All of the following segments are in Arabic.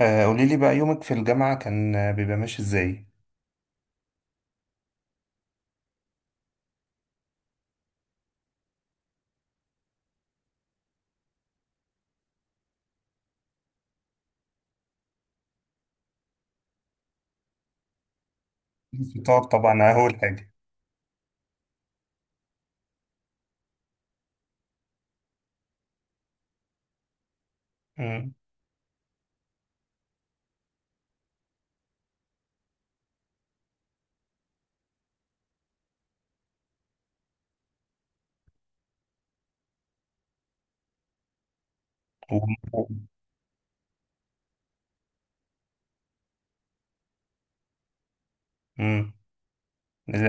قولي لي بقى يومك في الجامعة كان بيبقى ماشي ازاي؟ الفطار طبعا أول حاجة. مم. و... مم.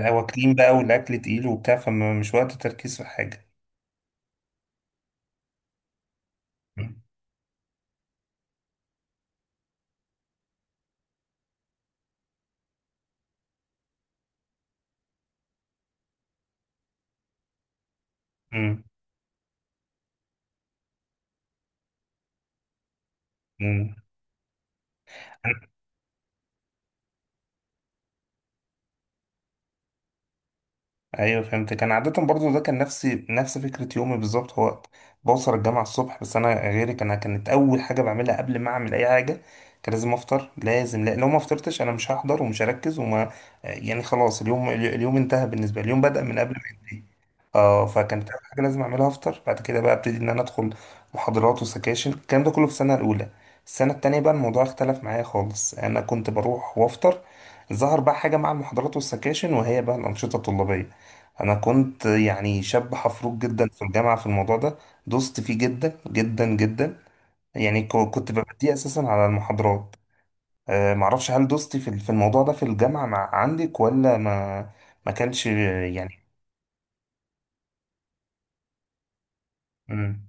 واكلين بقى والأكل تقيل وبتاع فمش وقت تركيز في حاجة. مم. مم. ايوه فهمت، كان عادة برضو ده كان نفسي نفس فكرة يومي بالظبط، هو بوصل الجامعة الصبح، بس انا غيرك، انا كانت اول حاجة بعملها قبل ما اعمل اي حاجة. كان لازم افطر، لازم. لا لو ما فطرتش انا مش هحضر ومش هركز وما يعني خلاص، اليوم انتهى بالنسبة لي، اليوم بدأ من قبل ما ينتهي. اه فكانت اول حاجة لازم اعملها افطر. بعد كده بقى ابتدي ان انا ادخل محاضرات وسكاشن، الكلام ده كله في السنة الاولى. السنة التانية بقى الموضوع اختلف معايا خالص، انا كنت بروح وافطر. ظهر بقى حاجة مع المحاضرات والسكاشن، وهي بقى الأنشطة الطلابية. انا كنت يعني شاب حفروك جدا في الجامعه في الموضوع ده. دوست فيه جدا جدا جدا. يعني كنت ببديه اساسا على المحاضرات. معرفش هل دوستي في الموضوع ده في الجامعه مع عندك ولا ما، ما كانش يعني. امم.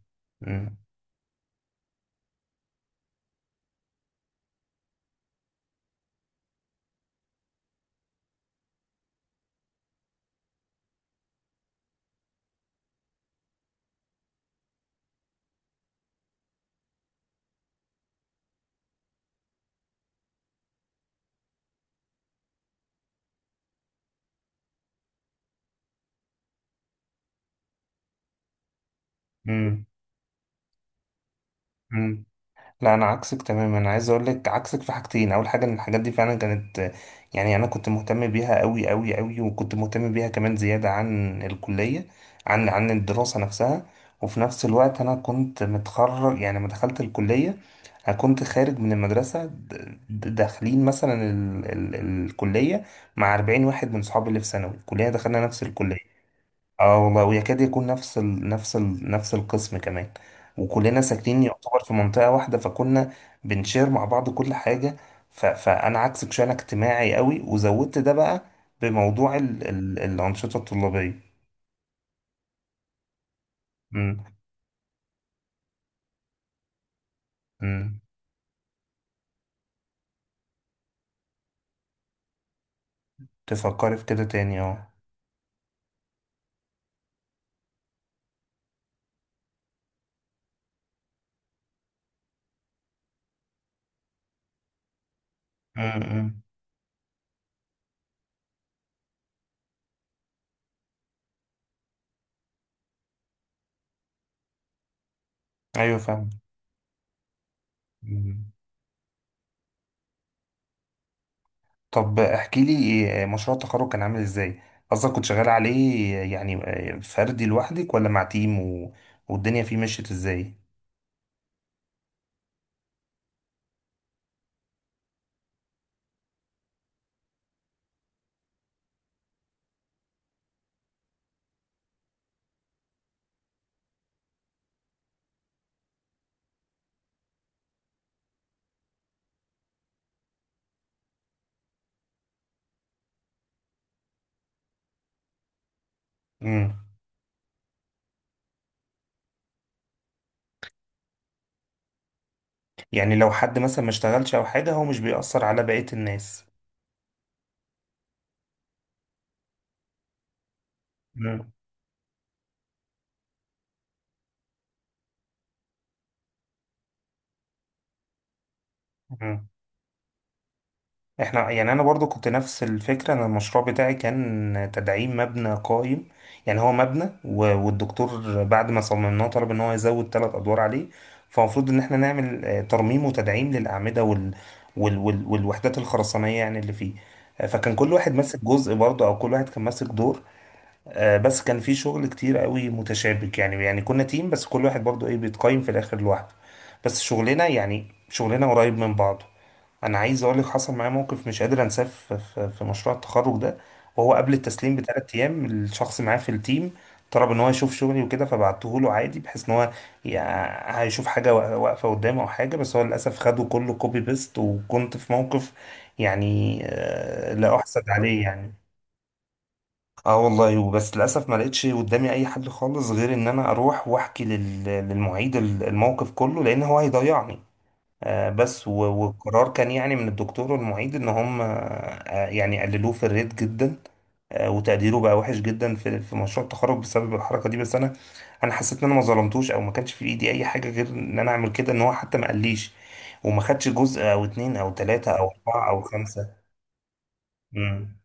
امم. لا، انا عكسك تماما. انا عايز اقول لك عكسك في حاجتين. اول حاجه ان الحاجات دي فعلا كانت، يعني انا كنت مهتم بيها قوي قوي قوي، وكنت مهتم بيها كمان زياده عن الكليه، عن الدراسه نفسها. وفي نفس الوقت انا كنت متخرج، يعني لما دخلت الكليه انا كنت خارج من المدرسه. داخلين مثلا ال ال الكليه مع 40 واحد من صحابي اللي في ثانوي، الكليه دخلنا نفس الكليه. اه والله، ويكاد يكون نفس القسم كمان، وكلنا ساكنين يعتبر في منطقة واحدة، فكنا بنشير مع بعض كل حاجة. فأنا عكسك شوية، أنا اجتماعي قوي، وزودت ده بقى بموضوع الأنشطة الطلابية. امم. امم. تفكري في كده تاني، اه. امم. أمم. أيوه فاهم. أمم. طب احكي لي، مشروع التخرج كان عامل ازاي؟ قصدك كنت شغال عليه يعني، فردي لوحدك ولا مع تيم والدنيا فيه مشيت ازاي؟ امم. يعني لو حد مثلا ما اشتغلش او حاجه هو مش بيأثر على بقيه الناس. مم. مم. احنا يعني انا برضو كنت نفس الفكره، انا المشروع بتاعي كان تدعيم مبنى قايم. يعني هو مبنى والدكتور بعد ما صممناه طلب ان هو يزود 3 ادوار عليه. فالمفروض ان احنا نعمل ترميم وتدعيم للاعمده والوحدات الخرسانيه يعني اللي فيه. فكان كل واحد ماسك جزء برضه، او كل واحد كان ماسك دور. بس كان في شغل كتير قوي متشابك، يعني كنا تيم بس كل واحد برضو ايه بيتقيم في الاخر لوحده. بس شغلنا يعني شغلنا قريب من بعضه. انا عايز اقول لك حصل معايا موقف مش قادر انساه في مشروع التخرج ده. وهو قبل التسليم ب3 ايام، الشخص معاه في التيم طلب ان هو يشوف شغلي وكده، فبعته له عادي بحيث ان هو هيشوف حاجه واقفه قدامه او حاجه. بس هو للاسف خده كله كوبي بيست، وكنت في موقف يعني لا احسد عليه يعني. اه والله، وبس للاسف ما لقيتش قدامي اي حل خالص غير ان انا اروح واحكي للمعيد الموقف كله، لان هو هيضيعني. بس والقرار كان يعني من الدكتور والمعيد ان هم يعني قللوه في الريت جدا. وتقديره بقى وحش جدا في مشروع التخرج بسبب الحركه دي، بس انا حسيت ان انا ما ظلمتوش، او ما كانش في ايدي اي حاجه غير ان انا اعمل كده، ان هو حتى ما قاليش وما خدش جزء او اتنين او تلاته او اربعه او خمسه. مم.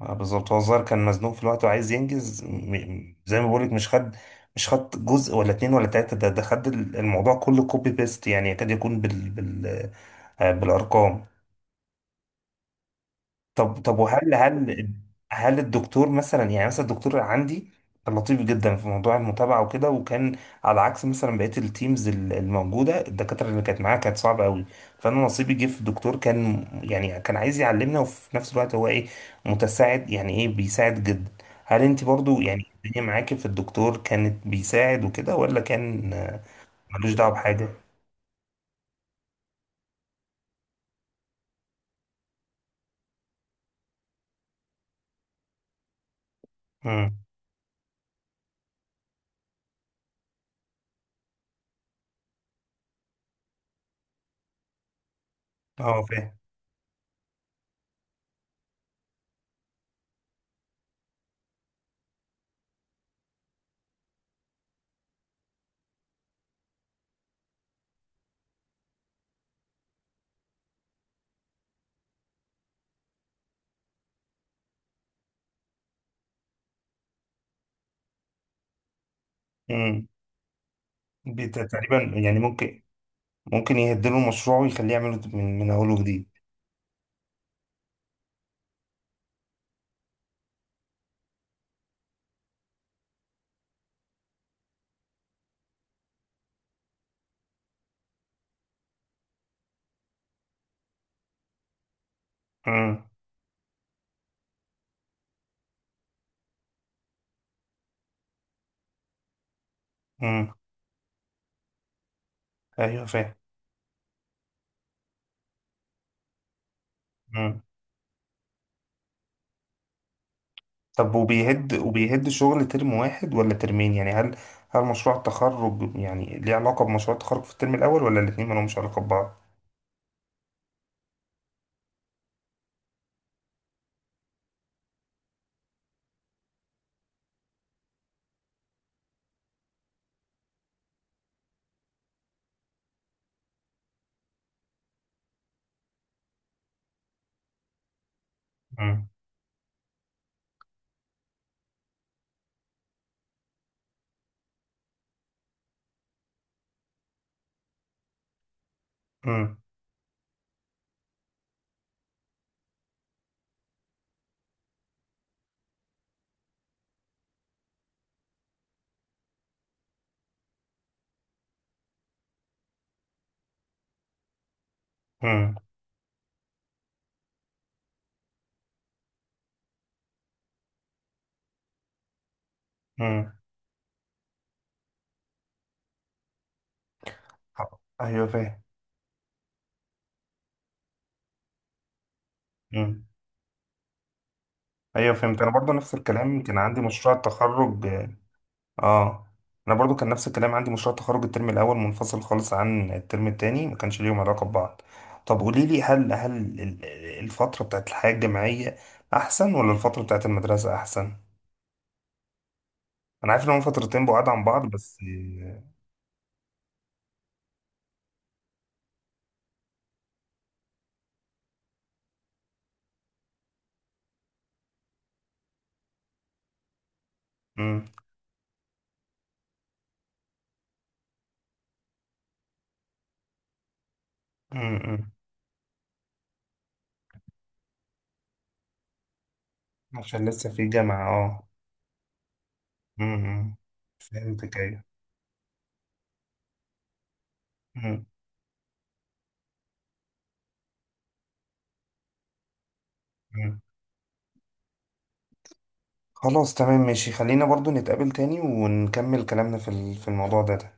بالظبط. هو الظاهر كان مزنوق في الوقت وعايز ينجز، زي ما بقولك مش خد جزء ولا اتنين ولا تلاتة. ده خد الموضوع كله كوبي بيست، يعني يكاد يكون بال بال بالأرقام. طب وهل هل هل الدكتور مثلا، يعني مثلا الدكتور عندي كان لطيف جدا في موضوع المتابعة وكده، وكان على عكس مثلا بقية التيمز الموجودة، الدكاترة اللي كانت معايا كانت صعبة قوي. فأنا نصيبي جه في الدكتور، كان يعني كان عايز يعلمنا، وفي نفس الوقت هو ايه متساعد، يعني ايه بيساعد جدا. هل انت برضو يعني الدنيا معاكي في الدكتور كانت بيساعد وكده، ولا كان ملوش دعوة بحاجة؟ امم. اه فاهم. امم. تقريبا يعني ممكن، ممكن يهدله المشروع ويخليه يعمله من أوله جديد. امم. امم. أيوه فاهم. امم. طب وبيهد شغل ترم واحد ولا ترمين، يعني هل مشروع التخرج يعني ليه علاقة بمشروع التخرج في الترم الأول ولا الاتنين مالهمش علاقة ببعض؟ امم. امم. امم. امم. أيوه فاهم. امم. أيوه فهمت. أنا برضه نفس الكلام كان عندي مشروع التخرج. اه. انا برضو كان نفس الكلام عندي مشروع تخرج، الترم الاول منفصل خالص عن الترم التاني، ما كانش ليهم علاقه ببعض. طب قولي لي، هل ال- الفتره بتاعت الحياه الجامعيه احسن ولا الفتره بتاعت المدرسه احسن؟ انا عارف ان هم فترتين بعاد عن بعض، بس. امم. امم. عشان لسه في جامعه، اه. امم. فهمتك، ايوه. مم. مم. خلاص تمام ماشي، خلينا برضو نتقابل تاني ونكمل كلامنا في الموضوع ده.